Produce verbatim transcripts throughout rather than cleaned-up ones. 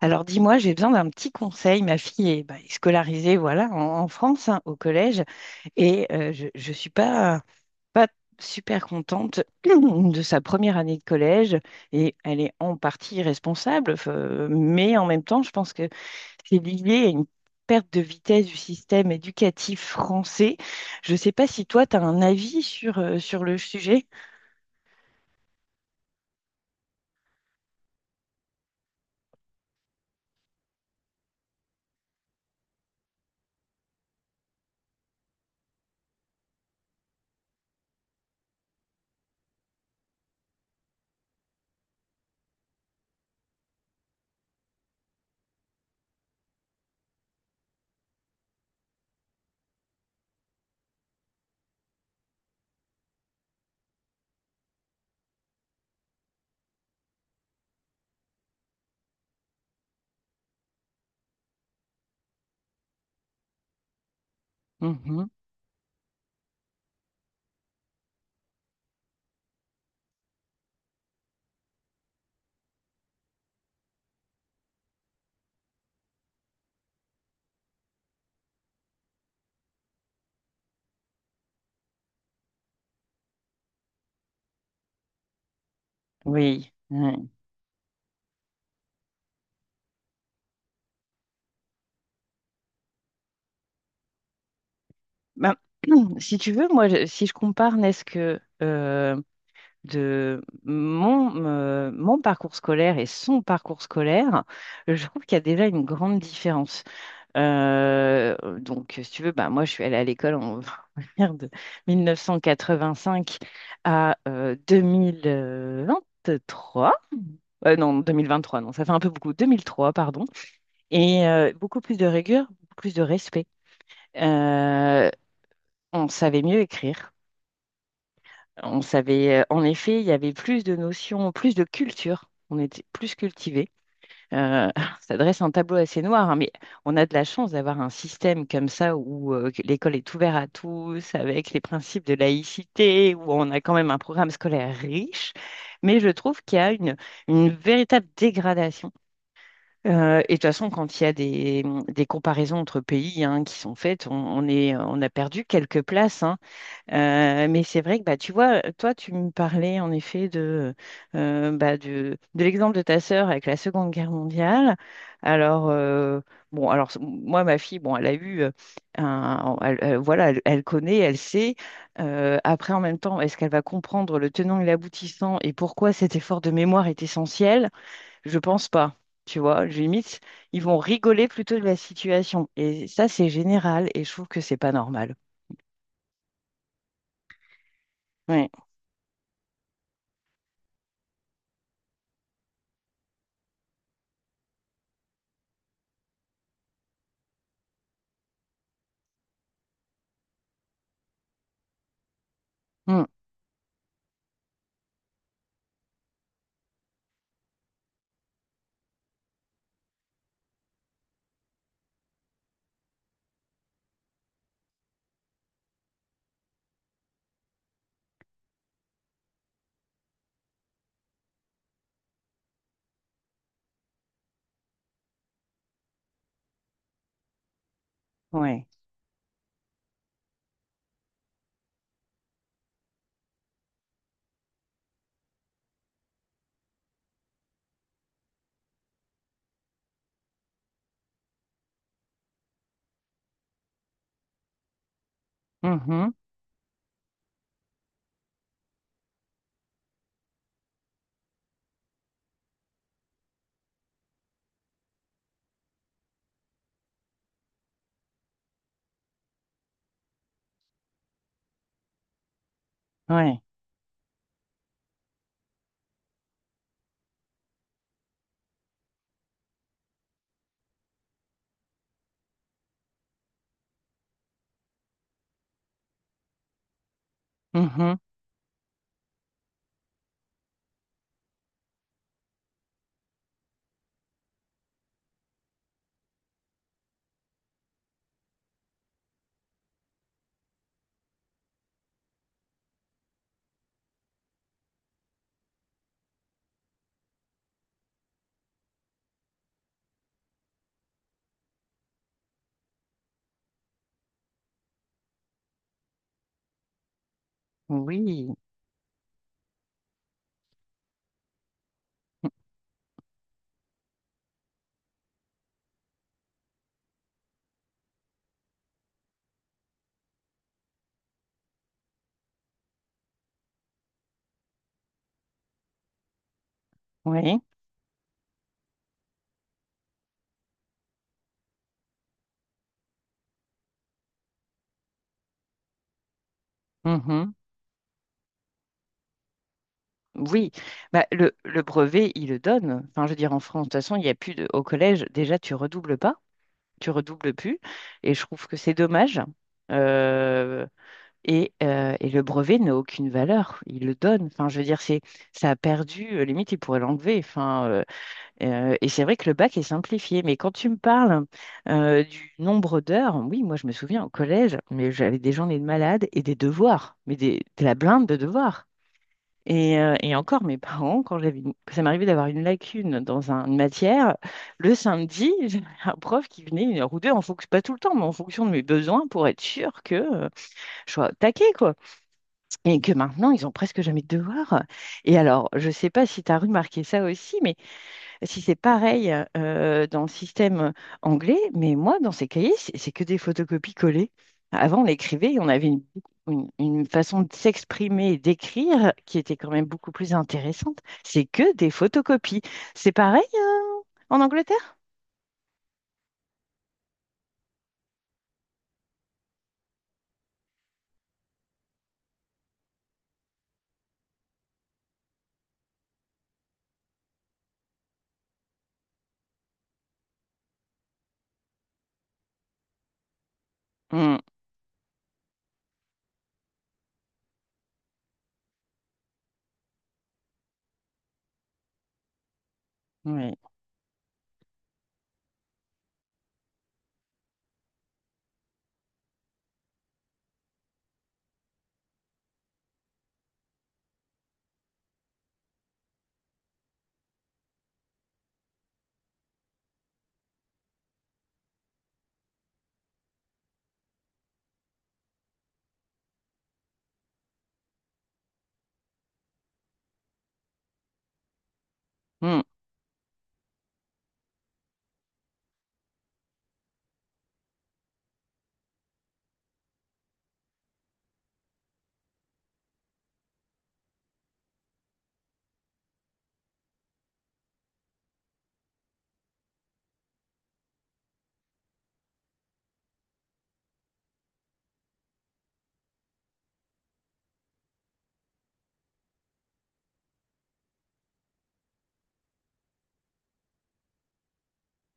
Alors dis-moi, j'ai besoin d'un petit conseil. Ma fille est, bah, est scolarisée, voilà, en, en France, hein, au collège, et euh, je ne suis pas, pas super contente de sa première année de collège, et elle est en partie responsable, fe- mais en même temps, je pense que c'est lié à une perte de vitesse du système éducatif français. Je ne sais pas si toi, tu as un avis sur, euh, sur le sujet. Mhm. Oui, ouais. Ben, si tu veux, moi, je- si je compare, n'est-ce que euh, de mon, me- mon parcours scolaire et son parcours scolaire, je trouve qu'il y a déjà une grande différence. Euh, donc, si tu veux, bah, moi, je suis allée à l'école en, on va dire de mille neuf cent quatre-vingt-cinq à euh, deux mille vingt-trois. Euh, non, deux mille vingt-trois, non, ça fait un peu beaucoup. deux mille trois, pardon. Et euh, beaucoup plus de rigueur, beaucoup plus de respect. Euh, on savait mieux écrire. On savait, euh, en effet, il y avait plus de notions, plus de culture. On était plus cultivés. Euh, ça dresse un tableau assez noir, hein, mais on a de la chance d'avoir un système comme ça où euh, que l'école est ouverte à tous, avec les principes de laïcité, où on a quand même un programme scolaire riche. Mais je trouve qu'il y a une, une véritable dégradation. Euh, et de toute façon, quand il y a des, des comparaisons entre pays hein, qui sont faites, on, on est, on a perdu quelques places, hein. Euh, mais c'est vrai que bah, tu vois, euh, toi, tu me parlais en effet de, euh, bah, de, de l'exemple de ta sœur avec la Seconde Guerre mondiale. Alors, euh, bon, alors s- moi, ma fille, bon, elle a eu, euh, un, elle- elle- voilà, elle, elle connaît, elle sait. Euh, après, en même temps, est-ce qu'elle va comprendre le tenant et l'aboutissant et pourquoi cet effort de mémoire est essentiel? Je pense pas. Tu vois, limite, ils vont rigoler plutôt de la situation. Et ça, c'est général et je trouve que c'est pas normal. Ouais. Mm. Ouais. Mhm. Ouais. Mhm. Oui. Oui. Mhm. Oui. Bah, le, le brevet, il le donne. Enfin, je veux dire, en France, de toute façon, il n'y a plus de... Au collège, déjà, tu redoubles pas. Tu redoubles plus. Et je trouve que c'est dommage. Euh, et, euh, et le brevet n'a aucune valeur. Il le donne. Enfin, je veux dire, c'est, ça a perdu. euh, Limite, il pourrait l'enlever. Enfin, euh, Euh, et c'est vrai que le bac est simplifié, mais quand tu me parles euh, du nombre d'heures, oui, moi je me souviens au collège, mais j'avais des journées de malade et des devoirs, mais des, de la blinde de devoirs. Et, euh, et encore, mes parents, quand j'avais, une- ça m'arrivait d'avoir une lacune dans un- une matière, le samedi, j'avais un prof qui venait une heure ou deux, en fonction, pas tout le temps, mais en fonction de mes besoins, pour être sûr que euh, je sois taquée, quoi. Et que maintenant, ils ont presque jamais de devoirs. Et alors, je sais pas si tu as remarqué ça aussi, mais si c'est pareil euh, dans le système anglais, mais moi, dans ces cahiers, c'est c'est que des photocopies collées. Avant, on écrivait, et on avait une, une- une façon de s'exprimer et d'écrire qui était quand même beaucoup plus intéressante. C'est que des photocopies. C'est pareil euh, en Angleterre? Mm, oui. Mm.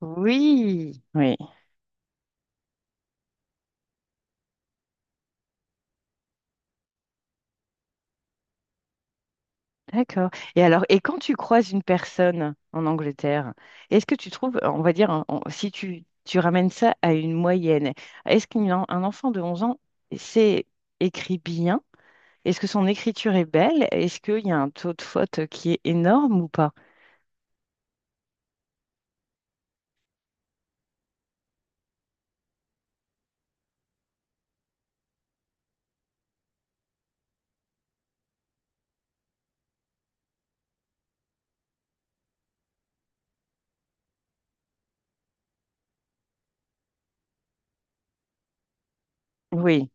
Oui. Oui. D'accord. Et alors, et quand tu croises une personne en Angleterre, est-ce que tu trouves, on va dire, en- en- si tu, tu ramènes ça à une moyenne, est-ce qu'un un enfant de onze ans sait écrit bien? Est-ce que son écriture est belle? Est-ce qu'il y a un taux de faute qui est énorme ou pas? Oui.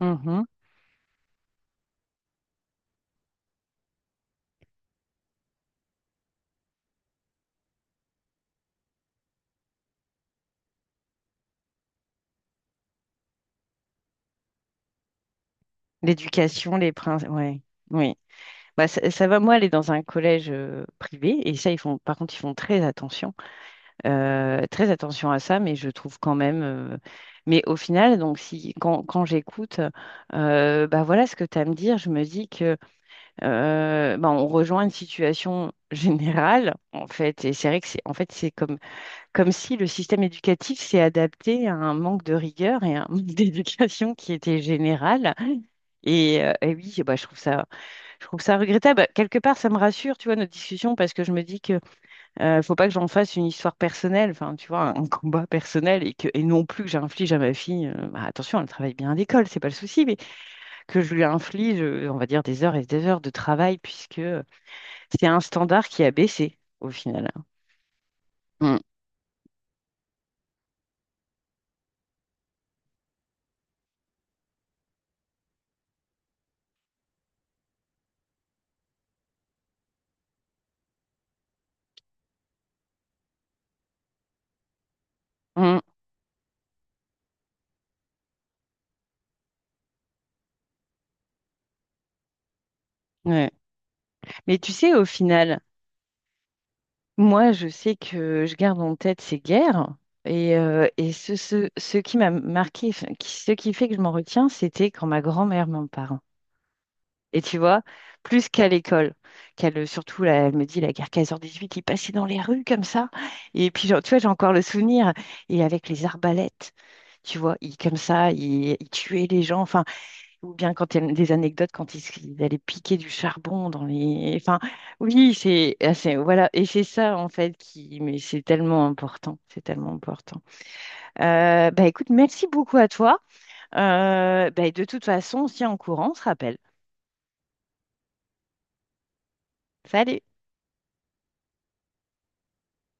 Mhm. L'éducation, les principes. Ouais. Oui. Bah, ça, ça va, moi, aller dans un collège euh, privé, et ça, ils font, par contre, ils font très attention. Euh, très attention à ça, mais je trouve quand même. euh, Mais au final, donc si quand, quand j'écoute, euh, bah voilà ce que tu as à me dire, je me dis que euh, bah, on rejoint une situation générale, en fait. Et c'est vrai que c'est en fait c'est comme, comme si le système éducatif s'est adapté à un manque de rigueur et à un manque d'éducation qui était général. Et, euh, et oui, bah, je trouve ça, je trouve ça regrettable. Quelque part, ça me rassure, tu vois, notre discussion, parce que je me dis que euh, faut pas que j'en fasse une histoire personnelle, enfin, tu vois, un combat personnel et que, et non plus que j'inflige à ma fille, euh, bah, attention, elle travaille bien à l'école, c'est pas le souci, mais que je lui inflige, euh, on va dire, des heures et des heures de travail puisque c'est un standard qui a baissé au final. Mm. Mm. Ouais. Mais tu sais, au final, moi, je sais que je garde en tête ces guerres et, euh, et ce, ce, ce qui m'a marqué, enfin, qui- ce qui fait que je m'en retiens, c'était quand ma grand-mère m'en parle. Et tu vois, plus qu'à l'école, qu'elle, euh, surtout, là, elle me dit, la guerre quinze heures dix-huit, il passait dans les rues comme ça. Et puis, genre, tu vois, j'ai encore le souvenir. Et avec les arbalètes, tu vois, il, comme ça, il, il tuait les gens. Enfin, ou bien quand il y a des anecdotes, quand il, s- il allait piquer du charbon dans les... Enfin, oui, c'est... ah, c'est- Voilà, et c'est ça, en fait, qui... Mais c'est tellement important, c'est tellement important. Euh, bah, écoute, merci beaucoup à toi. Euh, bah, de toute façon, on se tient en courant, on se rappelle. Salut!